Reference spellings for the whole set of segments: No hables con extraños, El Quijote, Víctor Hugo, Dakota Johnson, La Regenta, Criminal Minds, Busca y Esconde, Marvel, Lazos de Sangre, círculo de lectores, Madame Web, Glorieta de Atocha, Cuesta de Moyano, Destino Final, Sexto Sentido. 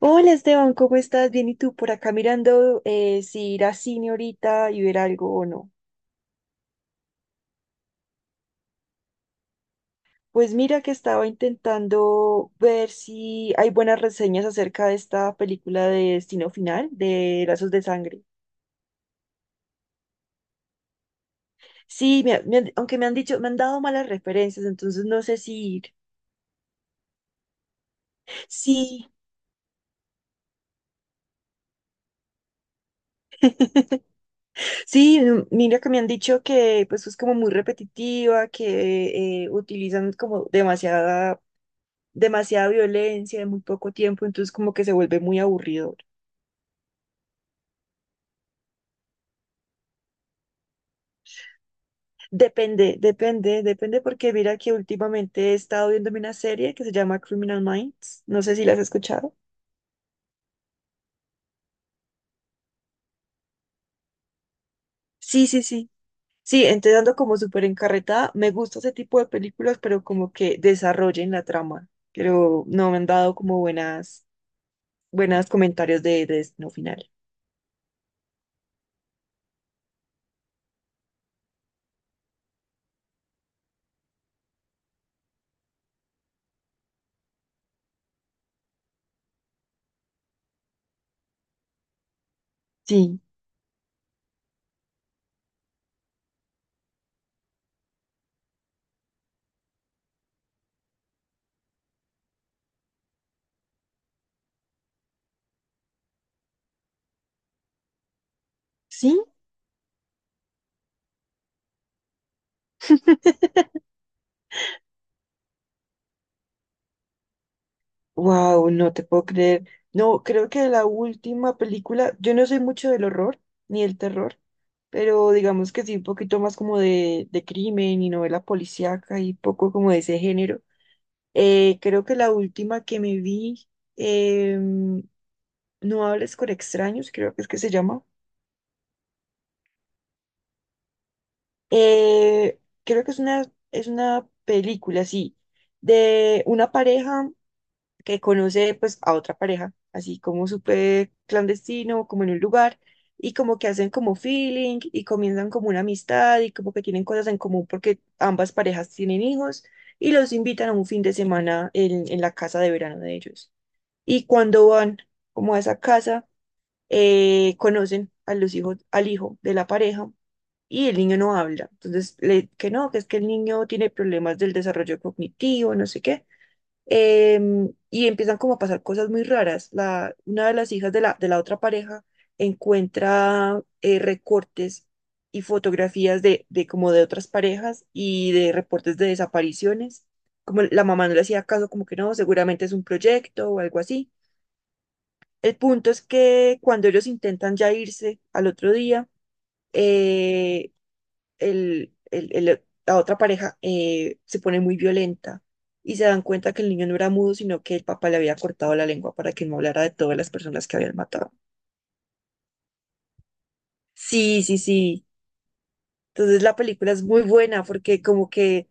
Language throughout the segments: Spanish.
Hola Esteban, ¿cómo estás? Bien, ¿y tú por acá mirando si ir a cine ahorita y ver algo o no? Pues mira que estaba intentando ver si hay buenas reseñas acerca de esta película de Destino Final, de Lazos de Sangre. Sí, aunque me han dicho, me han dado malas referencias, entonces no sé si ir. Sí, sí, mira que me han dicho que pues es como muy repetitiva, que utilizan como demasiada violencia en muy poco tiempo, entonces como que se vuelve muy aburrido. Depende, depende, depende porque mira que últimamente he estado viendo una serie que se llama Criminal Minds, no sé si la has escuchado. Sí, sí, sí. Sí, entonces ando como súper encarretada, me gusta ese tipo de películas, pero como que desarrollen la trama, pero no me han dado como buenas comentarios de Destino Final. Sí, sí. Wow, no te puedo creer. No, creo que la última película, yo no soy mucho del horror ni del terror, pero digamos que sí, un poquito más como de crimen y novela policíaca y poco como de ese género. Creo que la última que me vi, em, No hables con extraños, creo que es que se llama. Creo que es una película, sí, de una pareja que conoce pues a otra pareja, así como súper clandestino, como en un lugar, y como que hacen como feeling y comienzan como una amistad y como que tienen cosas en común porque ambas parejas tienen hijos y los invitan a un fin de semana en la casa de verano de ellos. Y cuando van como a esa casa, conocen a los hijos, al hijo de la pareja. Y el niño no habla. Entonces, que no, que es que el niño tiene problemas del desarrollo cognitivo, no sé qué, y empiezan como a pasar cosas muy raras. Una de las hijas de la otra pareja encuentra recortes y fotografías de como de otras parejas y de reportes de desapariciones. Como la mamá no le hacía caso, como que no, seguramente es un proyecto o algo así. El punto es que cuando ellos intentan ya irse al otro día, eh, la otra pareja se pone muy violenta y se dan cuenta que el niño no era mudo, sino que el papá le había cortado la lengua para que no hablara de todas las personas que habían matado. Sí, sí, sí. Entonces la película es muy buena porque como que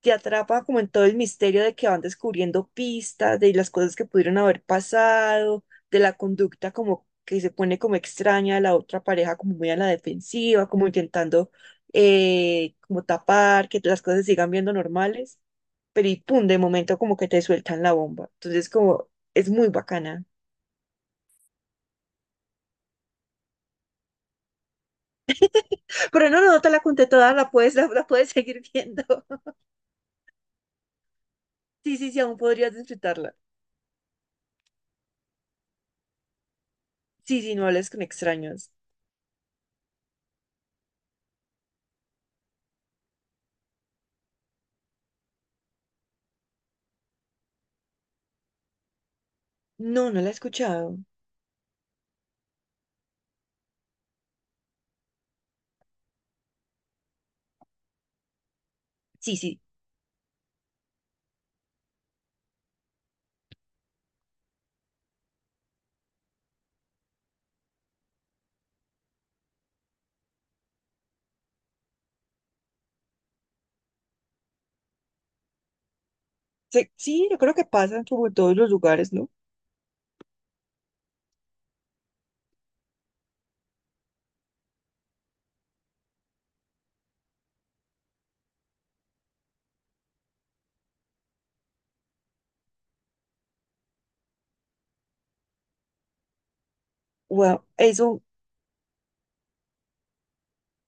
te atrapa como en todo el misterio de que van descubriendo pistas, de las cosas que pudieron haber pasado, de la conducta como que se pone como extraña de la otra pareja, como muy a la defensiva, como intentando como tapar, que las cosas se sigan viendo normales, pero y pum, de momento como que te sueltan la bomba. Entonces como es muy bacana. Pero no, no, no te la conté toda, la puedes seguir viendo. Sí, sí, sí, aún podrías disfrutarla. Sí, sí, no hables con extraños. No, no la he escuchado. Sí, sí. Sí, yo creo que pasan como en todos los lugares, ¿no? Wow, eso,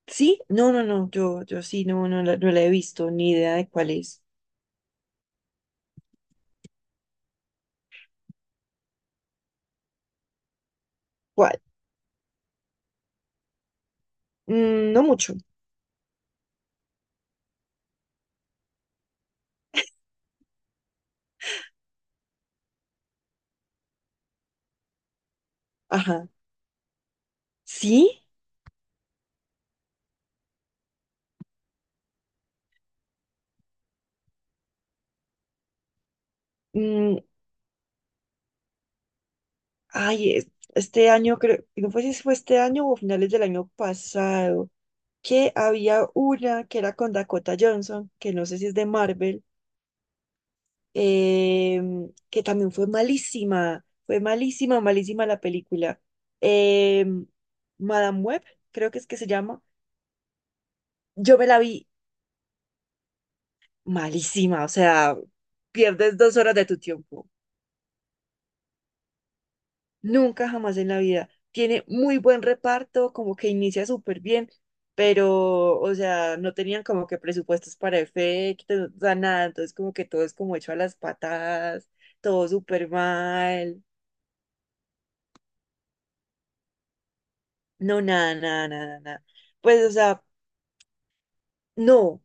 sí, no, no, no, yo sí, no, no, no la he visto, ni idea de cuál es. ¿Cuál? No mucho, ajá. ¿Sí? Mm, ay, este año creo, no fue si fue este año o finales del año pasado, que había una que era con Dakota Johnson, que no sé si es de Marvel, eh, que también fue malísima, malísima la película. Eh, Madame Web, creo que es que se llama. Yo me la vi malísima, o sea, pierdes dos horas de tu tiempo. Nunca jamás en la vida. Tiene muy buen reparto, como que inicia súper bien, pero, o sea, no tenían como que presupuestos para efectos, o sea, nada, entonces como que todo es como hecho a las patadas, todo súper mal. No, nada, nada, nada, nada. Pues, o sea, no,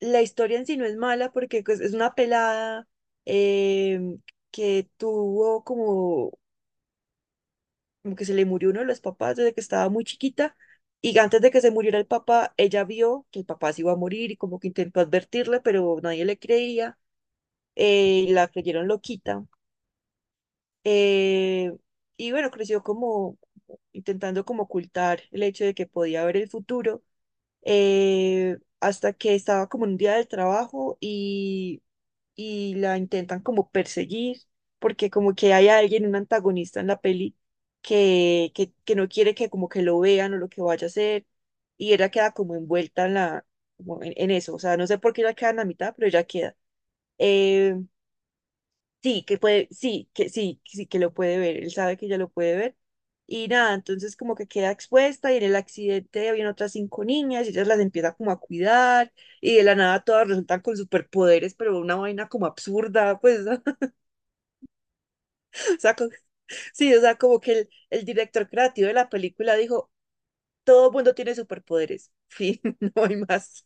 la historia en sí no es mala porque pues, es una pelada, eh, que tuvo como que se le murió uno de los papás desde que estaba muy chiquita y antes de que se muriera el papá, ella vio que el papá se iba a morir y como que intentó advertirle, pero nadie le creía, y la creyeron loquita. eh, y bueno, creció como intentando como ocultar el hecho de que podía ver el futuro, hasta que estaba como en un día del trabajo y la intentan como perseguir, porque como que hay alguien, un antagonista en la peli, que no quiere que como que lo vean o lo que vaya a hacer, y ella queda como envuelta como en eso, o sea, no sé por qué ella queda en la mitad, pero ella queda. Eh, Sí, que puede, sí, que sí, sí, que lo puede ver, él sabe que ella lo puede ver. Y nada, entonces como que queda expuesta y en el accidente habían otras cinco niñas y ellas las empieza como a cuidar y de la nada todas resultan con superpoderes, pero una vaina como absurda, pues, o sea, sí, o sea, como que el director creativo de la película dijo, todo mundo tiene superpoderes, fin, no hay más.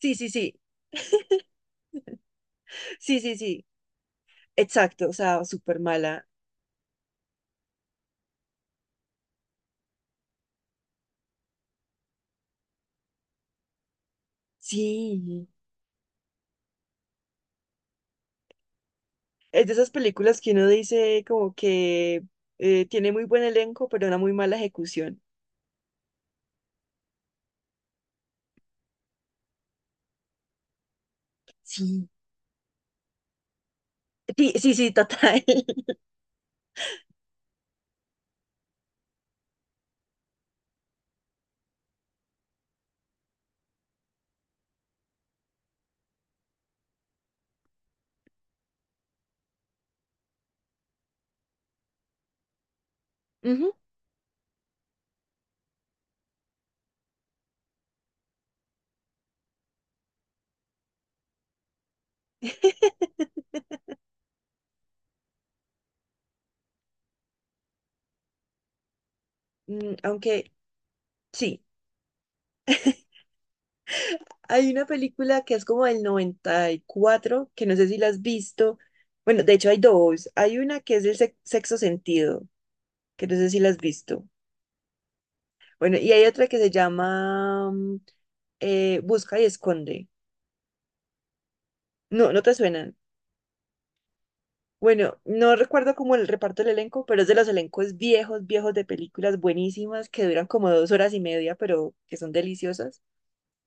Sí, sí, sí, sí, sí, sí, exacto, o sea, súper mala. Sí. Es de esas películas que uno dice como que tiene muy buen elenco, pero una muy mala ejecución. Sí. Sí, sí, sí, total. Ujú. Aunque sí, hay una película que es como del 94 que no sé si la has visto. Bueno, de hecho hay dos. Hay una que es del sexto sentido, que no sé si la has visto. Bueno, y hay otra que se llama Busca y Esconde. No, no te suena. Bueno, no recuerdo como el reparto del elenco, pero es de los elencos viejos, viejos de películas buenísimas que duran como 2 horas y media, pero que son deliciosas.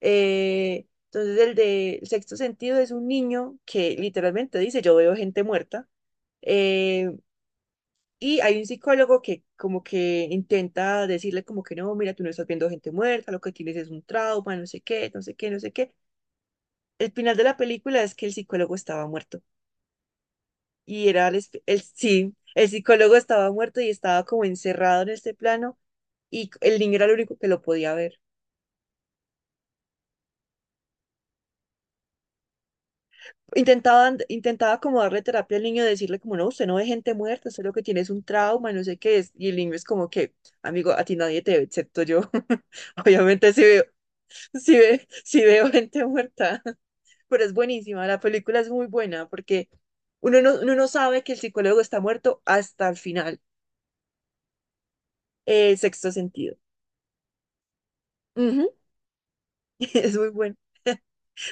Entonces, el de Sexto Sentido es un niño que literalmente dice, yo veo gente muerta. Eh, y hay un psicólogo que como que intenta decirle como que no, mira, tú no estás viendo gente muerta, lo que tienes es un trauma, no sé qué, no sé qué, no sé qué. El final de la película es que el psicólogo estaba muerto. Y era sí, el psicólogo estaba muerto y estaba como encerrado en este plano y el niño era el único que lo podía ver. Intentaba como darle terapia al niño, decirle como, no, usted no ve gente muerta, usted lo que tiene es un trauma, no sé qué es. Y el niño es como que, amigo, a ti nadie te ve, excepto yo. Obviamente sí veo, sí ve, sí veo gente muerta, pero es buenísima, la película es muy buena porque uno no sabe que el psicólogo está muerto hasta el final, el sexto sentido. Ujú. Es muy bueno.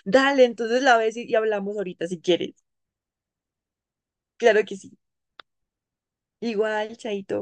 Dale, entonces la ves y hablamos ahorita si quieres. Claro que sí. Igual, chaito.